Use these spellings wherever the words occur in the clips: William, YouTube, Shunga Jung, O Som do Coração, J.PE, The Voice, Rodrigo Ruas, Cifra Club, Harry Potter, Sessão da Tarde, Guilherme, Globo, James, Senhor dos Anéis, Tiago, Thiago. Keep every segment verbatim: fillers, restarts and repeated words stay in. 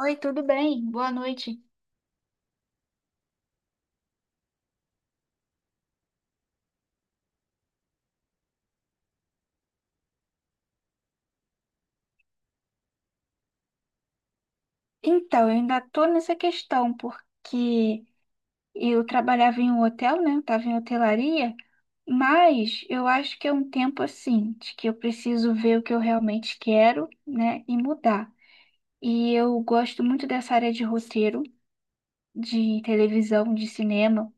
Oi, tudo bem? Boa noite. Então, eu ainda tô nessa questão, porque eu trabalhava em um hotel, né? Eu tava em hotelaria, mas eu acho que é um tempo assim, de que eu preciso ver o que eu realmente quero, né? E mudar. E eu gosto muito dessa área de roteiro, de televisão, de cinema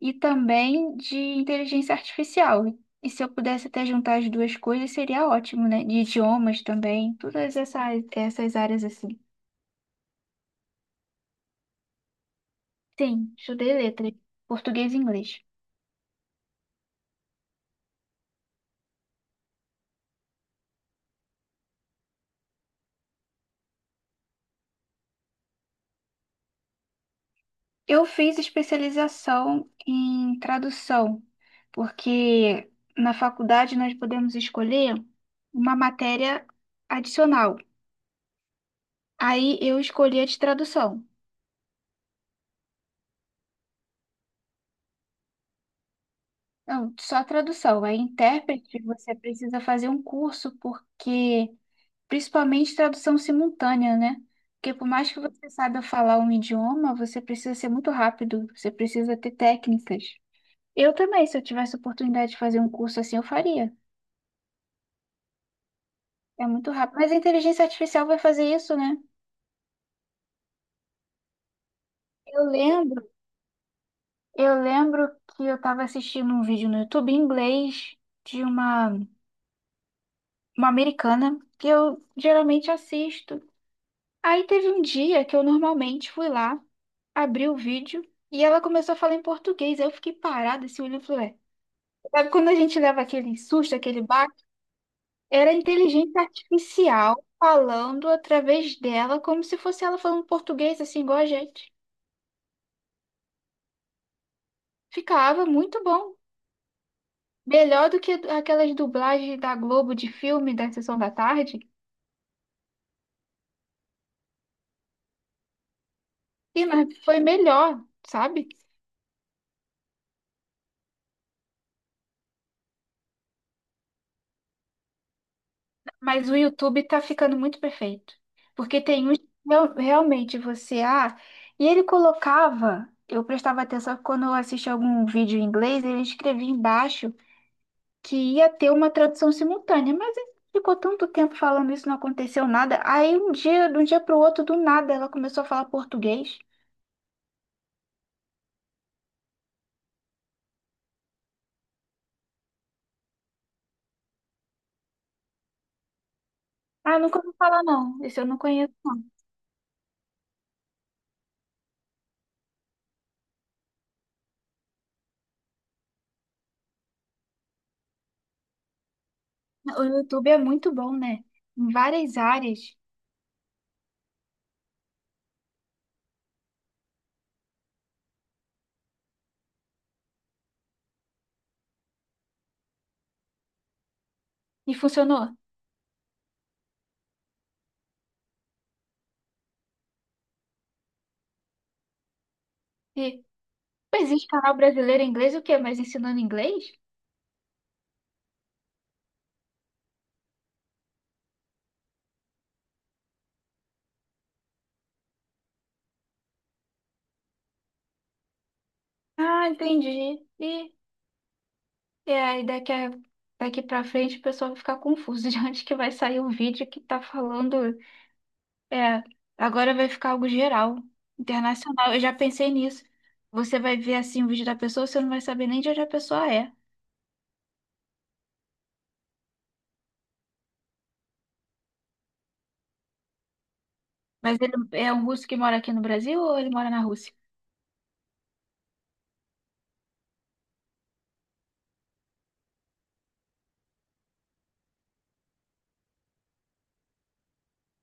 e também de inteligência artificial. E se eu pudesse até juntar as duas coisas, seria ótimo, né? De idiomas também, todas essa, essas áreas assim. Sim, estudei letras, português e inglês. Eu fiz especialização em tradução, porque na faculdade nós podemos escolher uma matéria adicional. Aí eu escolhi a de tradução. Não, só tradução. Aí, intérprete, você precisa fazer um curso, porque, principalmente tradução simultânea, né? Porque por mais que você saiba falar um idioma, você precisa ser muito rápido, você precisa ter técnicas. Eu também, se eu tivesse oportunidade de fazer um curso assim, eu faria. É muito rápido. Mas a inteligência artificial vai fazer isso, né? Eu lembro, eu lembro que eu estava assistindo um vídeo no YouTube em inglês de uma, uma americana que eu geralmente assisto. Aí teve um dia que eu normalmente fui lá, abri o vídeo e ela começou a falar em português. Aí eu fiquei parada, assim, olhando e falei, "Ué, sabe quando a gente leva aquele susto, aquele Era inteligência artificial falando através dela, como se fosse ela falando português, assim, igual a gente. Ficava muito bom. Melhor do que aquelas dublagens da Globo de filme da Sessão da Tarde. E mas foi melhor, sabe? Mas o YouTube tá ficando muito perfeito. Porque tem uns que real- realmente você. Ah, e ele colocava. Eu prestava atenção que quando eu assistia algum vídeo em inglês, ele escrevia embaixo. Que ia ter uma tradução simultânea, mas aí ficou tanto tempo falando isso, não aconteceu nada. Aí um dia, de um dia para o outro, do nada, ela começou a falar português. Ah, nunca ouvi falar não. Esse eu não conheço não. O YouTube é muito bom, né? Em várias áreas. E funcionou. E existe canal brasileiro em inglês o quê? Mas ensinando inglês? Ah, entendi. E, e aí daqui a, daqui para frente o pessoal vai ficar confuso de onde que vai sair o vídeo que tá falando. É, agora vai ficar algo geral, internacional. Eu já pensei nisso. Você vai ver assim o vídeo da pessoa, você não vai saber nem de onde a pessoa é. Mas ele é um russo que mora aqui no Brasil ou ele mora na Rússia?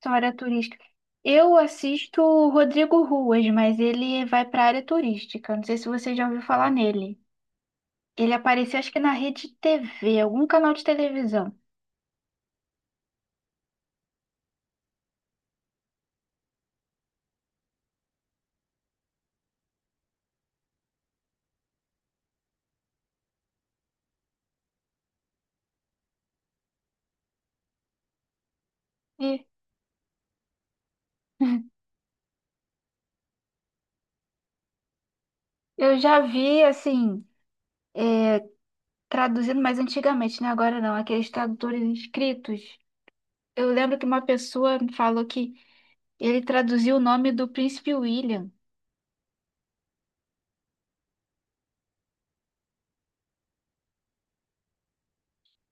Só área turística. Eu assisto o Rodrigo Ruas, mas ele vai para área turística. Não sei se você já ouviu falar nele. Ele apareceu, acho que na rede T V, algum canal de televisão. E eu já vi, assim, traduzindo, mas antigamente, né? Agora não, aqueles tradutores inscritos. Eu lembro que uma pessoa falou que ele traduziu o nome do príncipe William.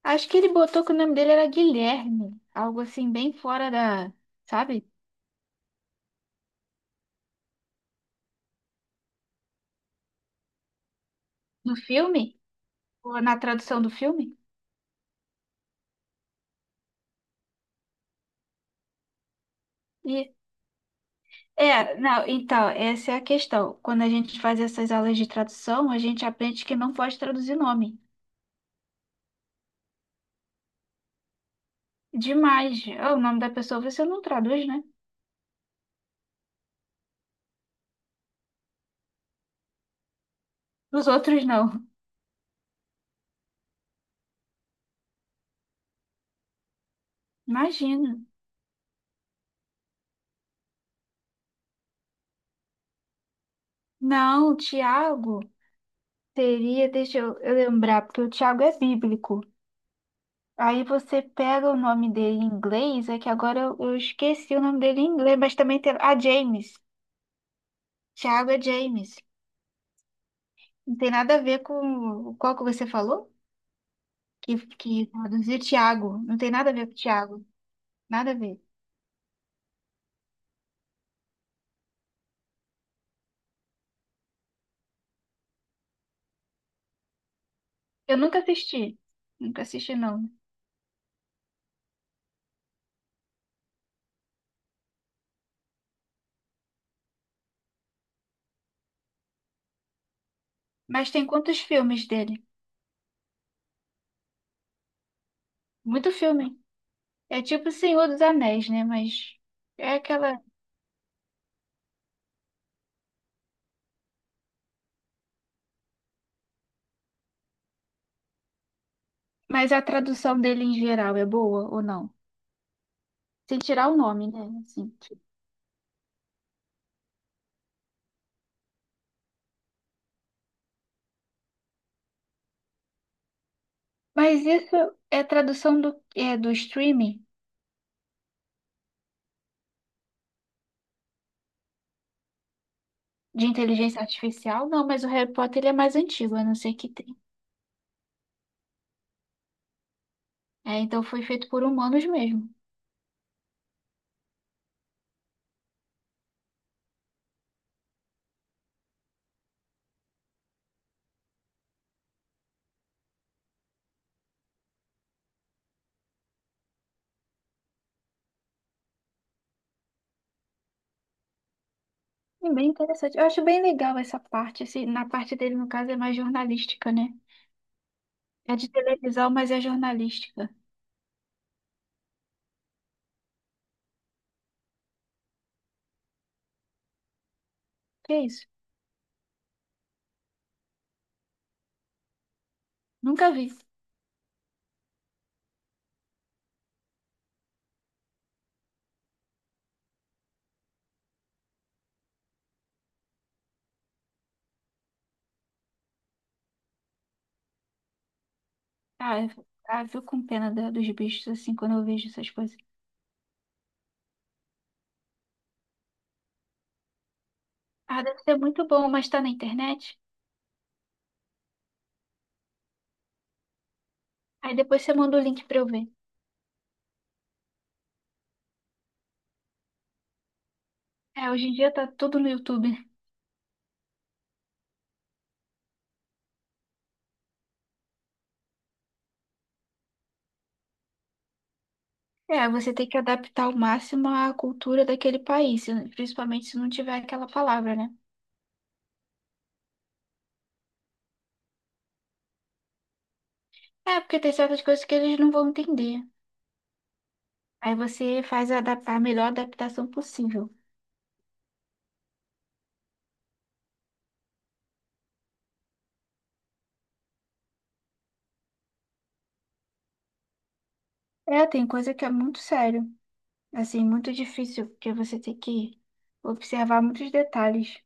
Acho que ele botou que o nome dele era Guilherme, algo assim bem fora da, sabe? No filme, ou na tradução do filme. E é, não, então, essa é a questão. Quando a gente faz essas aulas de tradução, a gente aprende que não pode traduzir nome. Demais. Ah, o nome da pessoa você não traduz, né? Os outros não. Imagina. Não, Tiago seria, deixa eu eu lembrar, porque o Tiago é bíblico. Aí você pega o nome dele em inglês, é que agora eu, eu esqueci o nome dele em inglês, mas também tem. Ah, James. Thiago é James. Não tem nada a ver com qual que você falou? Que, que traduzir Thiago. Não tem nada a ver com Thiago. Nada a ver. Eu nunca assisti. Nunca assisti, não. Mas tem quantos filmes dele? Muito filme. É tipo Senhor dos Anéis, né? Mas é aquela. Mas a tradução dele em geral é boa ou não? Sem tirar o nome, né? Assim. Mas isso é tradução do, é, do streaming de inteligência artificial? Não, mas o Harry Potter ele é mais antigo, eu não sei que tem. É, então foi feito por humanos mesmo. E bem interessante. Eu acho bem legal essa parte. Assim, na parte dele, no caso, é mais jornalística, né? É de televisão, mas é jornalística. Que é isso? Nunca vi. Ah, eu- ah, eu com pena da- dos bichos, assim, quando eu vejo essas coisas. Ah, deve ser muito bom, mas tá na internet. Aí depois você manda o link pra eu ver. É, hoje em dia tá tudo no YouTube. É, você tem que adaptar ao máximo à cultura daquele país, se- principalmente se não tiver aquela palavra, né? É, porque tem certas coisas que eles não vão entender. Aí você faz a, adap- a melhor adaptação possível. É, tem coisa que é muito sério, assim, muito difícil, porque você tem que observar muitos detalhes.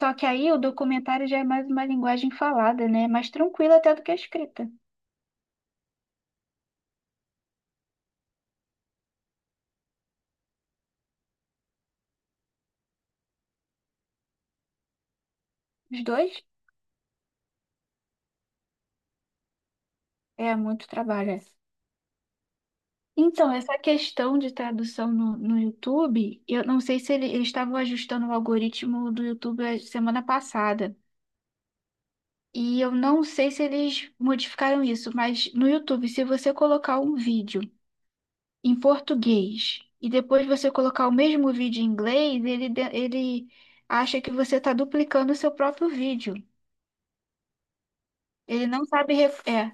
Só que aí o documentário já é mais uma linguagem falada, né? Mais tranquila até do que a escrita. Os dois é muito trabalho. É. Então, essa questão de tradução no, no YouTube, eu não sei se ele- eles estavam ajustando o algoritmo do YouTube a semana passada. E eu não sei se eles modificaram isso, mas no YouTube, se você colocar um vídeo em português e depois você colocar o mesmo vídeo em inglês, ele, de- ele acha que você está duplicando o seu próprio vídeo. Ele não sabe. ref- É.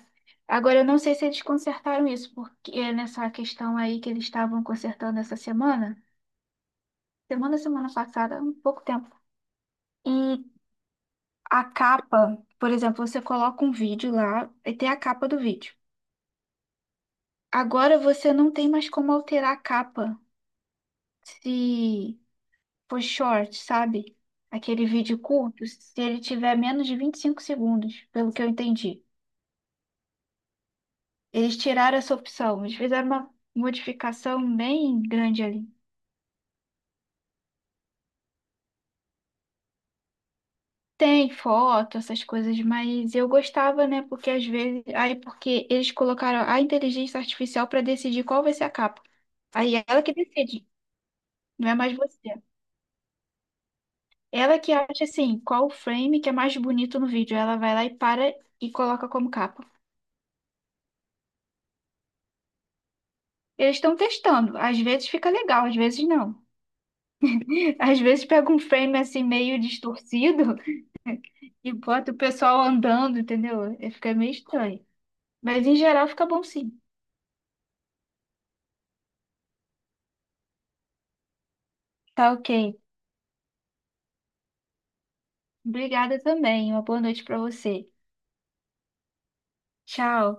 Agora, eu não sei se eles consertaram isso, porque é nessa questão aí que eles estavam consertando essa semana. Semana, semana passada, um pouco tempo. E a capa, por exemplo, você coloca um vídeo lá e tem a capa do vídeo. Agora você não tem mais como alterar a capa. Se for short, sabe? Aquele vídeo curto, se ele tiver menos de vinte e cinco segundos, pelo que eu entendi. Eles tiraram essa opção, eles fizeram uma modificação bem grande ali. Tem foto, essas coisas, mas eu gostava, né? Porque às vezes. Aí, porque eles colocaram a inteligência artificial para decidir qual vai ser a capa. Aí é ela que decide, não é mais você. Ela que acha, assim, qual o frame que é mais bonito no vídeo. Ela vai lá e para e coloca como capa. Eles estão testando. Às vezes fica legal, às vezes não. Às vezes pega um frame, assim, meio distorcido e bota o pessoal andando, entendeu? Aí fica meio estranho. Mas em geral fica bom sim. Tá ok. Obrigada também. Uma boa noite para você. Tchau.